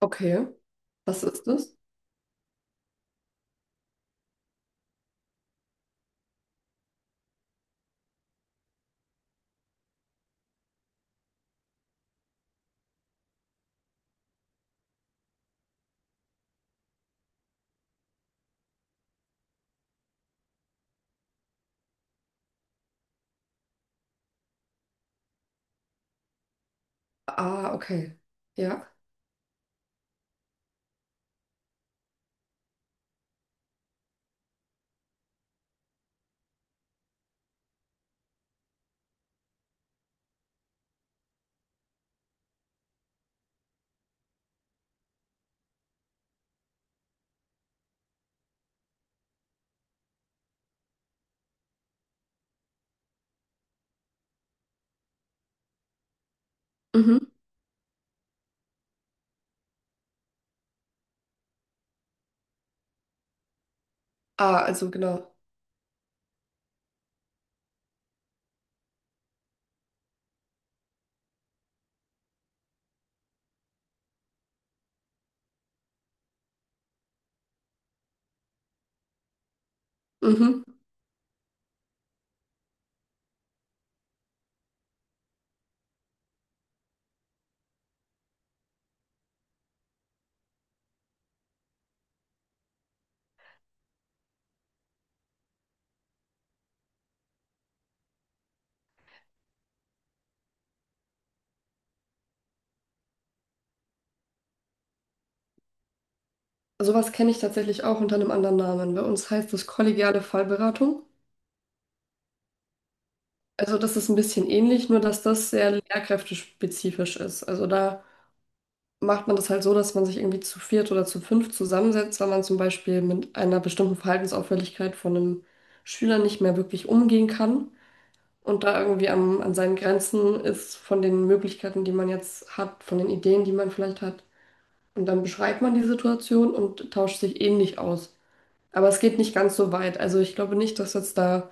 Okay, was ist das? Ah, okay. Ja. Mhm. Ah, also genau. Mhm. Sowas kenne ich tatsächlich auch unter einem anderen Namen. Bei uns heißt das kollegiale Fallberatung. Also das ist ein bisschen ähnlich, nur dass das sehr lehrkräftespezifisch ist. Also da macht man das halt so, dass man sich irgendwie zu viert oder zu fünf zusammensetzt, weil man zum Beispiel mit einer bestimmten Verhaltensauffälligkeit von einem Schüler nicht mehr wirklich umgehen kann und da irgendwie an seinen Grenzen ist von den Möglichkeiten, die man jetzt hat, von den Ideen, die man vielleicht hat. Und dann beschreibt man die Situation und tauscht sich ähnlich aus. Aber es geht nicht ganz so weit. Also ich glaube nicht, dass jetzt da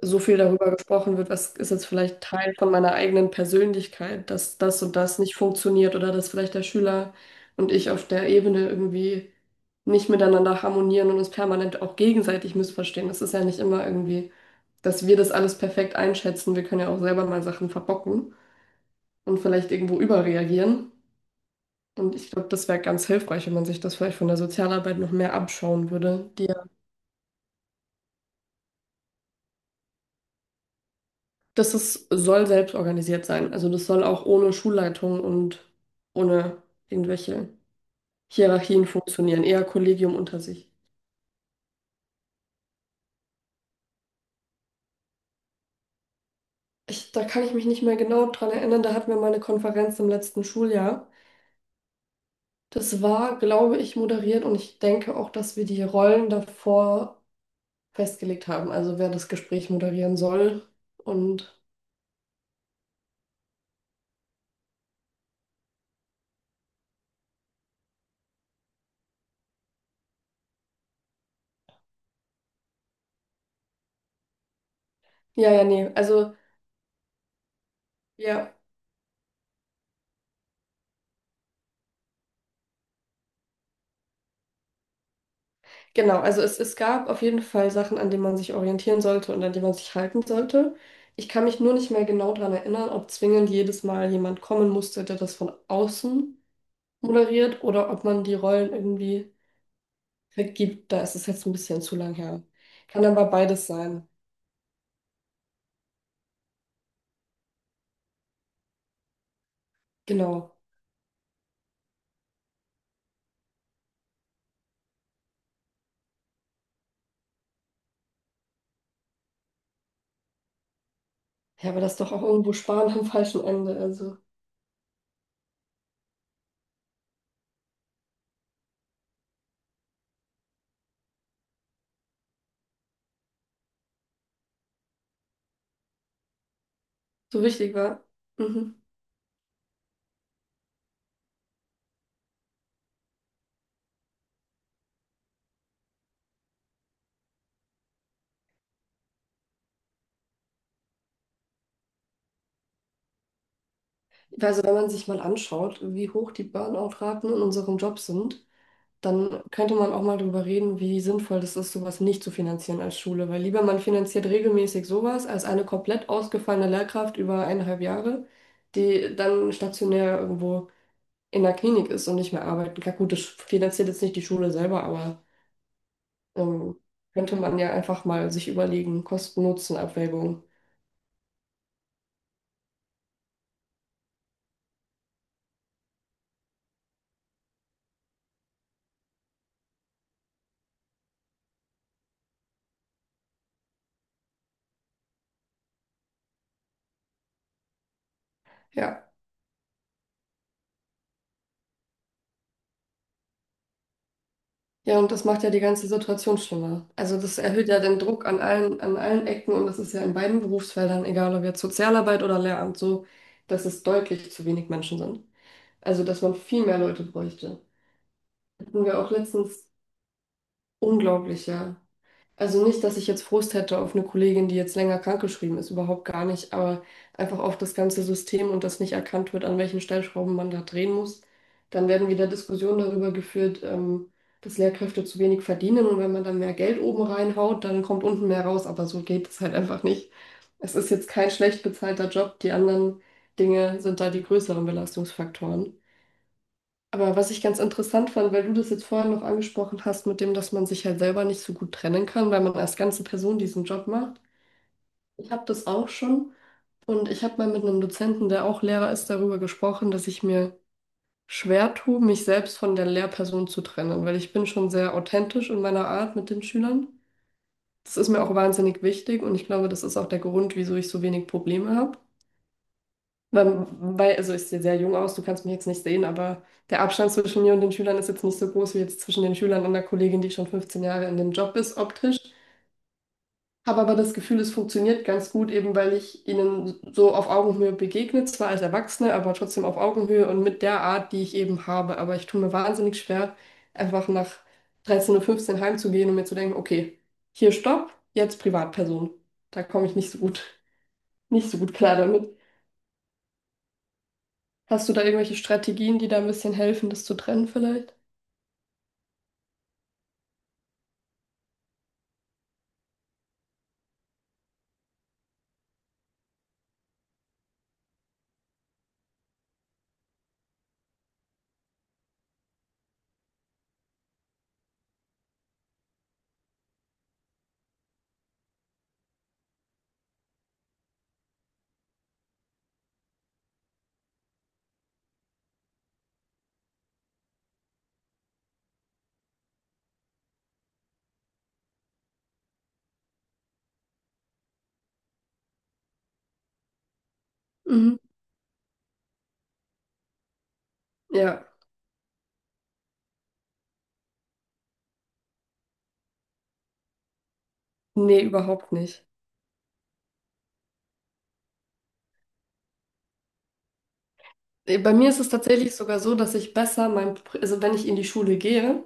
so viel darüber gesprochen wird, was ist jetzt vielleicht Teil von meiner eigenen Persönlichkeit, dass das und das nicht funktioniert oder dass vielleicht der Schüler und ich auf der Ebene irgendwie nicht miteinander harmonieren und uns permanent auch gegenseitig missverstehen. Das ist ja nicht immer irgendwie, dass wir das alles perfekt einschätzen. Wir können ja auch selber mal Sachen verbocken und vielleicht irgendwo überreagieren. Und ich glaube, das wäre ganz hilfreich, wenn man sich das vielleicht von der Sozialarbeit noch mehr abschauen würde. Soll selbst organisiert sein. Also das soll auch ohne Schulleitung und ohne irgendwelche Hierarchien funktionieren. Eher Kollegium unter sich. Da kann ich mich nicht mehr genau dran erinnern. Da hatten wir mal eine Konferenz im letzten Schuljahr. Das war, glaube ich, moderiert und ich denke auch, dass wir die Rollen davor festgelegt haben. Also wer das Gespräch moderieren soll. und ja, ja, nee. Also ja. Genau, also es gab auf jeden Fall Sachen, an denen man sich orientieren sollte und an die man sich halten sollte. Ich kann mich nur nicht mehr genau daran erinnern, ob zwingend jedes Mal jemand kommen musste, der das von außen moderiert oder ob man die Rollen irgendwie vergibt. Da ist es jetzt ein bisschen zu lang her. Kann aber beides sein. Genau. Ja, aber das ist doch auch irgendwo Sparen am falschen Ende. Also so wichtig war. Mhm. Also wenn man sich mal anschaut, wie hoch die Burnout-Raten in unserem Job sind, dann könnte man auch mal darüber reden, wie sinnvoll das ist, sowas nicht zu finanzieren als Schule. Weil lieber man finanziert regelmäßig sowas als eine komplett ausgefallene Lehrkraft über eineinhalb Jahre, die dann stationär irgendwo in der Klinik ist und nicht mehr arbeiten kann. Gut, das finanziert jetzt nicht die Schule selber, aber ähm, könnte man ja einfach mal sich überlegen, Kosten-Nutzen-Abwägung. Ja. Ja, und das macht ja die ganze Situation schlimmer. Also das erhöht ja den Druck an allen Ecken und das ist ja in beiden Berufsfeldern, egal ob jetzt Sozialarbeit oder Lehramt, so, dass es deutlich zu wenig Menschen sind. Also dass man viel mehr Leute bräuchte. Hatten wir auch letztens unglaubliche also nicht, dass ich jetzt Frust hätte auf eine Kollegin, die jetzt länger krankgeschrieben ist, überhaupt gar nicht, aber einfach auf das ganze System und dass nicht erkannt wird, an welchen Stellschrauben man da drehen muss. Dann werden wieder Diskussionen darüber geführt, dass Lehrkräfte zu wenig verdienen und wenn man dann mehr Geld oben reinhaut, dann kommt unten mehr raus, aber so geht es halt einfach nicht. Es ist jetzt kein schlecht bezahlter Job, die anderen Dinge sind da die größeren Belastungsfaktoren. Aber was ich ganz interessant fand, weil du das jetzt vorhin noch angesprochen hast, mit dem, dass man sich halt selber nicht so gut trennen kann, weil man als ganze Person diesen Job macht. Ich habe das auch schon und ich habe mal mit einem Dozenten, der auch Lehrer ist, darüber gesprochen, dass ich mir schwer tue, mich selbst von der Lehrperson zu trennen, weil ich bin schon sehr authentisch in meiner Art mit den Schülern. Das ist mir auch wahnsinnig wichtig und ich glaube, das ist auch der Grund, wieso ich so wenig Probleme habe. Also ich sehe sehr jung aus, du kannst mich jetzt nicht sehen, aber der Abstand zwischen mir und den Schülern ist jetzt nicht so groß wie jetzt zwischen den Schülern und einer Kollegin, die schon 15 Jahre in dem Job ist, optisch. Habe aber das Gefühl, es funktioniert ganz gut, eben weil ich ihnen so auf Augenhöhe begegne, zwar als Erwachsene, aber trotzdem auf Augenhöhe und mit der Art, die ich eben habe. Aber ich tue mir wahnsinnig schwer, einfach nach 13.15 Uhr fünfzehn heimzugehen und mir zu denken, okay, hier Stopp, jetzt Privatperson. Da komme ich nicht so gut, nicht so gut klar damit. Hast du da irgendwelche Strategien, die da ein bisschen helfen, das zu trennen vielleicht? Mhm. Ja, nee, überhaupt nicht. Nee, bei mir ist es tatsächlich sogar so, dass ich besser also wenn ich in die Schule gehe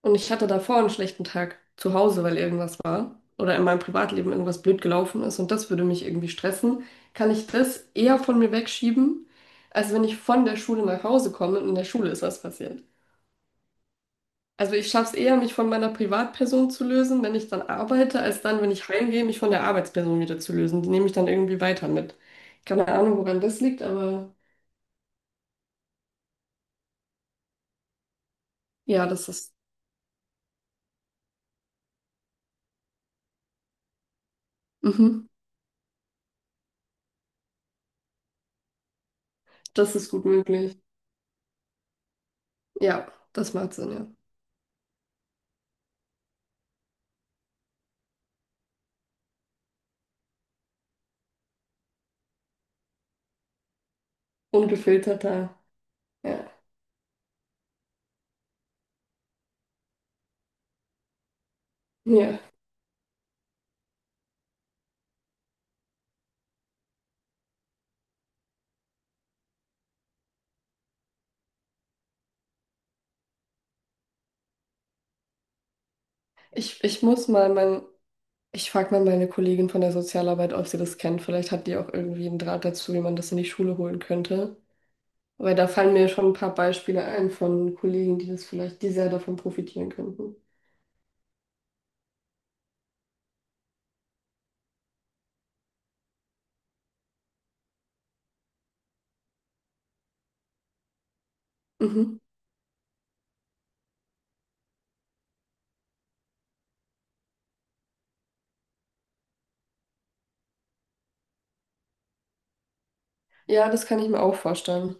und ich hatte davor einen schlechten Tag zu Hause, weil irgendwas war oder in meinem Privatleben irgendwas blöd gelaufen ist und das würde mich irgendwie stressen, kann ich das eher von mir wegschieben, als wenn ich von der Schule nach Hause komme und in der Schule ist was passiert. Also ich schaffe es eher, mich von meiner Privatperson zu lösen, wenn ich dann arbeite, als dann, wenn ich heimgehe, mich von der Arbeitsperson wieder zu lösen. Die nehme ich dann irgendwie weiter mit. Keine Ahnung, woran das liegt, aber ja, mhm, das ist gut möglich. Ja, das macht Sinn, ja. Ungefilterter, ja. Ja. Ich, ich muss mal mein, ich frage mal meine Kollegin von der Sozialarbeit, ob sie das kennt. Vielleicht hat die auch irgendwie einen Draht dazu, wie man das in die Schule holen könnte. Weil da fallen mir schon ein paar Beispiele ein von Kollegen, die das vielleicht, die sehr davon profitieren könnten. Mhm. Ja, das kann ich mir auch vorstellen.